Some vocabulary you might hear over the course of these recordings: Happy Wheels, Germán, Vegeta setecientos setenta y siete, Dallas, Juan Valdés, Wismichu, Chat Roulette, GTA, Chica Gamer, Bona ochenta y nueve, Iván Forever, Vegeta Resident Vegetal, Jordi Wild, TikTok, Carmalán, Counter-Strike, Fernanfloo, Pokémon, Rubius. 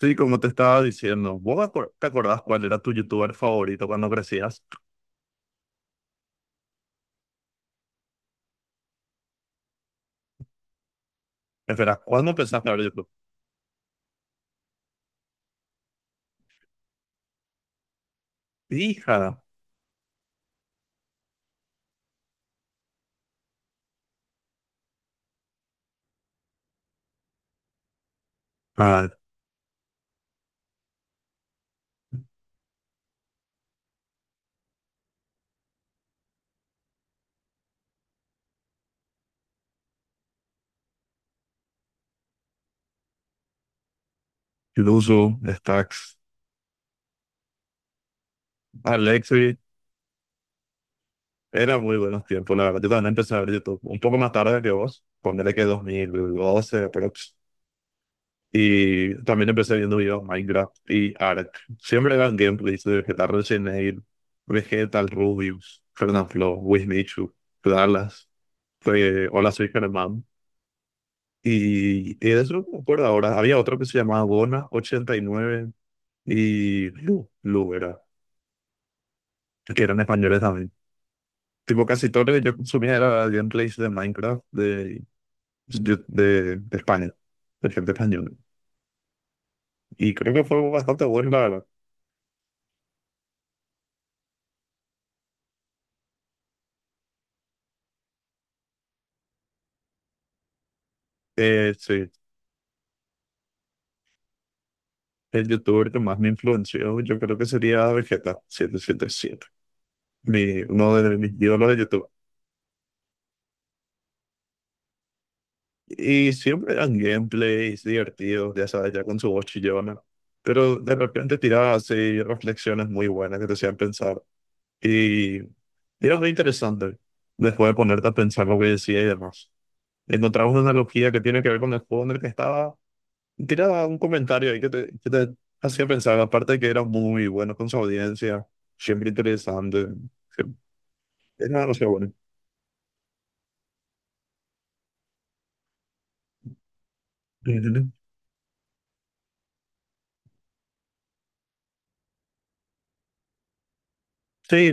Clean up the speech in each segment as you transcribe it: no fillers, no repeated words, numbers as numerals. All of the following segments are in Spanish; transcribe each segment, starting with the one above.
Sí, como te estaba diciendo, ¿vos te acordás cuál era tu youtuber favorito cuando crecías? Espera, ¿cuándo empezaste a ver YouTube? Hija. Ah, Luzu, Stacks, Alexi. Eran muy buenos tiempos, la verdad. Yo también empecé a ver YouTube un poco más tarde que vos. Ponele que 2012, pero... Y también empecé viendo videos Minecraft y Ark. Siempre eran gameplays de Vegeta Resident Vegetal, Rubius, Fernanfloo, Wismichu, Dallas. Hola, soy Germán. Y de eso no me acuerdo ahora. Había otro que se llamaba Bona 89 y Lu era, que eran españoles también. Tipo, casi todo lo que yo consumía era gameplays de Minecraft de España, de gente española. Y creo que fue bastante bueno, la verdad. Sí, el youtuber que más me influenció, yo creo que sería Vegeta 777, uno de mis ídolos de YouTube. Y siempre eran gameplays divertidos, ya sabes, ya con su voz chillona. Pero de repente tiraba así reflexiones muy buenas que te hacían pensar. Y era muy interesante después de ponerte a pensar lo que decía y demás. Encontramos una analogía que tiene que ver con el juego en el que estaba. Tiraba un comentario ahí que te hacía pensar. Aparte de que era muy bueno con su audiencia, siempre interesante. Sí, era demasiado bueno. Ujú. Sí,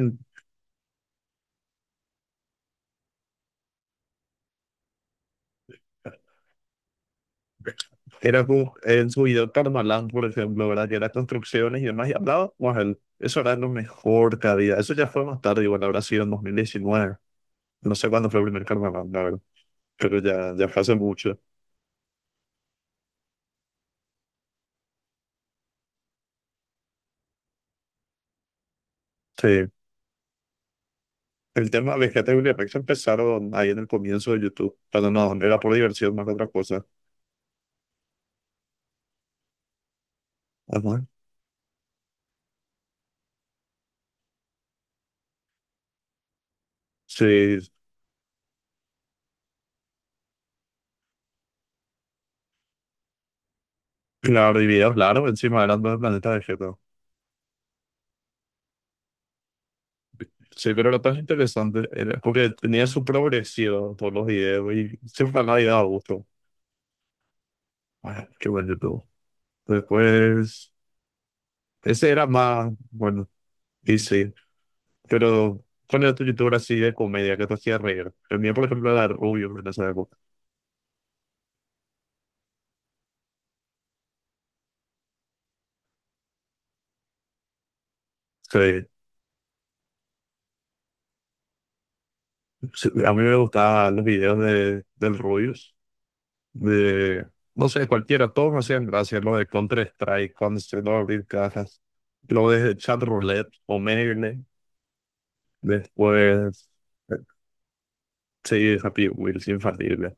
era como en su video Carmalán, por ejemplo, ¿verdad? Que era construcciones y demás, y hablaba con él. Eso era lo mejor que había. Eso ya fue más tarde, igual habrá sido en 2019. No sé cuándo fue el primer Carmalán, la verdad. Pero ya fue hace mucho. Sí. El tema de GTA y Rex empezaron ahí en el comienzo de YouTube. Pero no, era por diversión más que otra cosa. Ajá. Sí, claro, y videos largos encima eran del planeta de GTA. Sí, pero lo tan interesante era porque tenía su progresión todos los videos y siempre a nadie daba gusto. Ah, qué bueno tú. Después, ese era más, bueno, y sí, pero ¿cuál era tu youtuber así de comedia que te hacía reír? El mío, por ejemplo, era Rubius en esa época. Sí, sí, a mí me gustaban los videos del Rubius, de, no sé, cualquiera, todos me hacían gracia, lo de Counter-Strike, cuando se no abrir cajas, lo de Chat Roulette o Merle, después, eh, sí, Happy Wheels, infalible.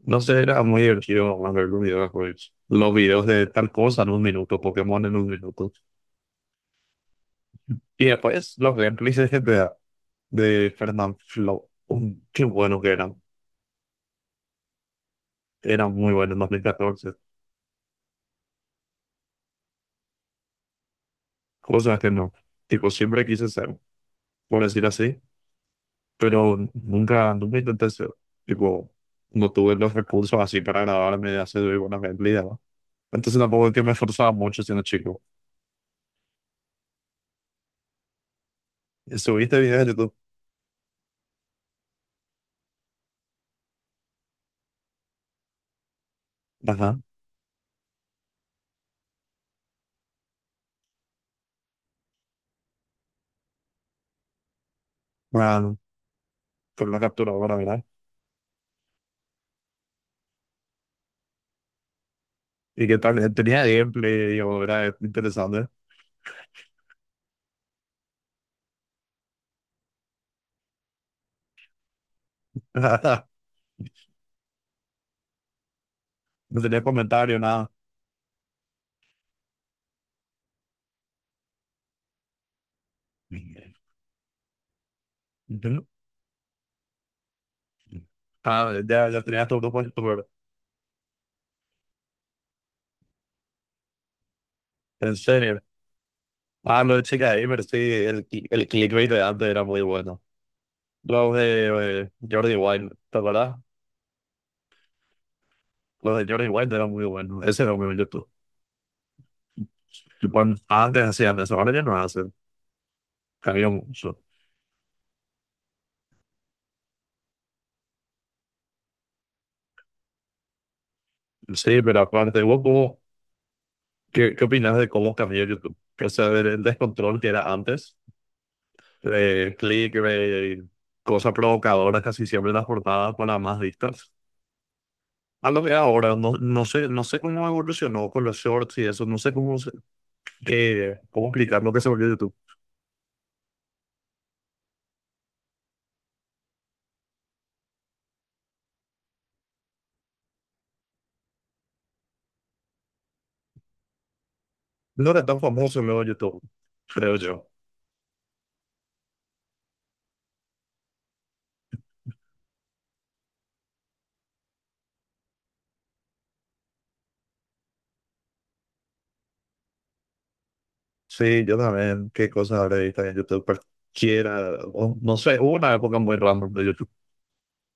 No sé, era muy divertido ver los videojuegos. Los videos de tal cosa en un minuto, Pokémon en un minuto. Y después los gameplays de GTA, de Fernanfloo. Qué buenos que eran. Eran muy buenos en 2014. Cosas que no. Tipo, siempre quise ser, por decir así. Pero nunca, nunca intenté ser. Tipo, no tuve los recursos así para grabarme de hacer una gameplay, ¿no? Entonces tampoco es que me esforzaba mucho siendo chico. Subiste videos de YouTube. Ajá. Bueno, con la capturadora, ¿verdad? Y que tal, tenía gameplay, digo, era interesante. No tenía comentario, nada. Ujú. Ah, ya tenía todo puesto, pero en serio. Ah, lo de Chica Gamer, sí, el, el clickbait de antes era muy bueno. Los de Jordi Wild, ¿te acuerdas? Los de Jordi Wild eran muy buenos. Ese era muy bueno YouTube. Tipo, antes hacían eso, ahora ya no hacen. Cambió mucho. Sí, pero aparte, ¿vos cómo, qué, qué opinas de cómo cambió YouTube? O sea, del descontrol que era antes, clickbait, cosas provocadoras, casi siempre las portadas para más vistas. A lo que ahora, no, no sé, no sé cómo evolucionó con los shorts y eso, no sé cómo, qué, cómo explicar lo que se volvió YouTube. No era tan famoso luego YouTube, creo yo. Sí, yo también, qué cosas habré visto en YouTube, cualquiera, o no sé, hubo una época muy random de YouTube,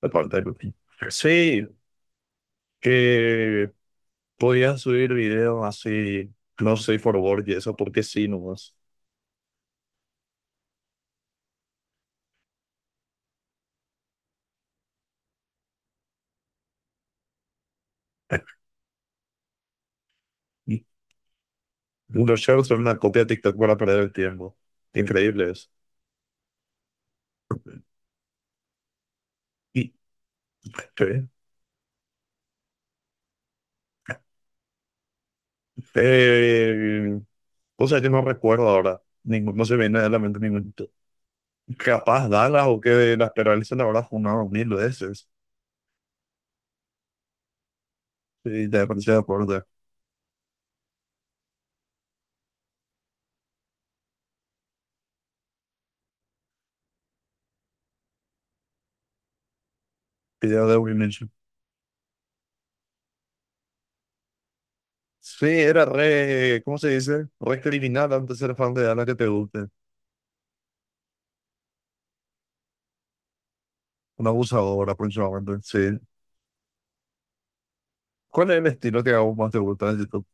de parte de YouTube. Sí, que podías subir videos así, no sé, for work y eso, porque sí, nomás. Los shorts son una copia de TikTok para perder el tiempo. Increíble eso. Y, sí. Eh, o sea, yo no recuerdo ahora. Ningún, no se me viene a la mente ningún. Capaz Dallas o que las Perales la habrá fundado mil veces. Sí, de apariencia de acuerdo. Video de Wilmington. Sí, era re, ¿cómo se dice? Re criminal antes de ser fan de Dallas que te guste. Una abusadora, aproximadamente. Sí. ¿Cuál es el estilo que aún más te gusta de YouTube?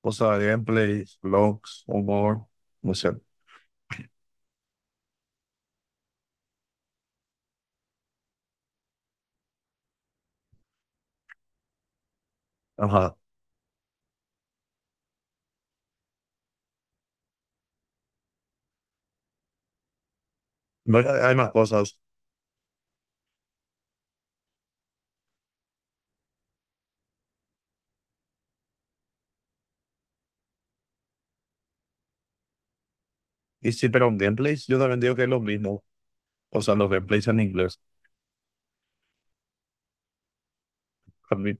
O sea, gameplays, vlogs, humor, no sé. Ajá. No, hay hay más cosas. Y sí, pero en gameplays yo también digo que es lo mismo. O sea, los gameplays en inglés. A mí,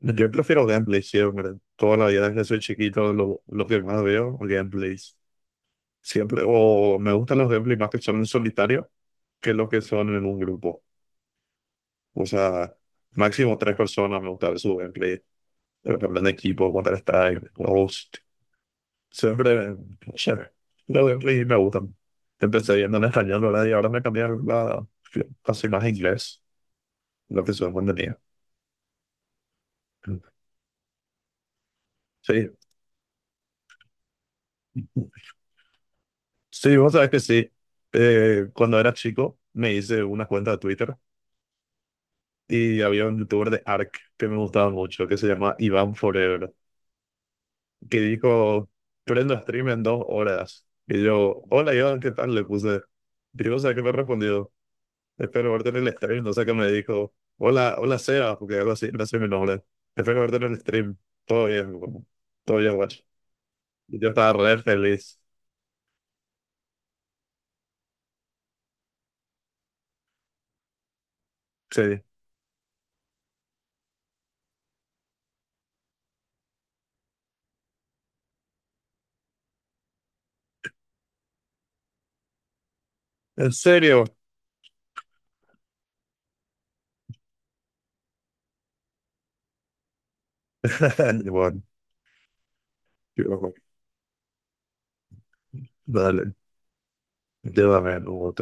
yo prefiero gameplays siempre. Toda la vida desde soy chiquito, lo que más veo, gameplays. Siempre. O me gustan los gameplays más que son en solitario que los que son en un grupo. O sea, máximo tres personas me gusta ver su gameplay. Pero que hablan de equipo, Counter-Strike, Ghost. Siempre, siempre. Los gameplays me gustan. Empecé viendo en español, ¿verdad? Y ahora me cambié a inglés. Lo que su cuando tenía. Sí, sí, vos sabés que sí. Cuando era chico me hice una cuenta de Twitter y había un youtuber de ARK que me gustaba mucho, que se llama Iván Forever, que dijo, prendo stream en 2 horas. Y yo, hola Iván, ¿qué tal? Le puse. Y vos sabés que me ha respondido, espero verte en el stream. No sé qué me dijo, hola, hola Seba, porque algo así, no sé mi nombre. Espero verte en el stream. Todo bien, guapo. Todo bien, guacho. Y yo estaba re feliz. Sí. En serio. Bueno, bueno, dale, llévame, luego,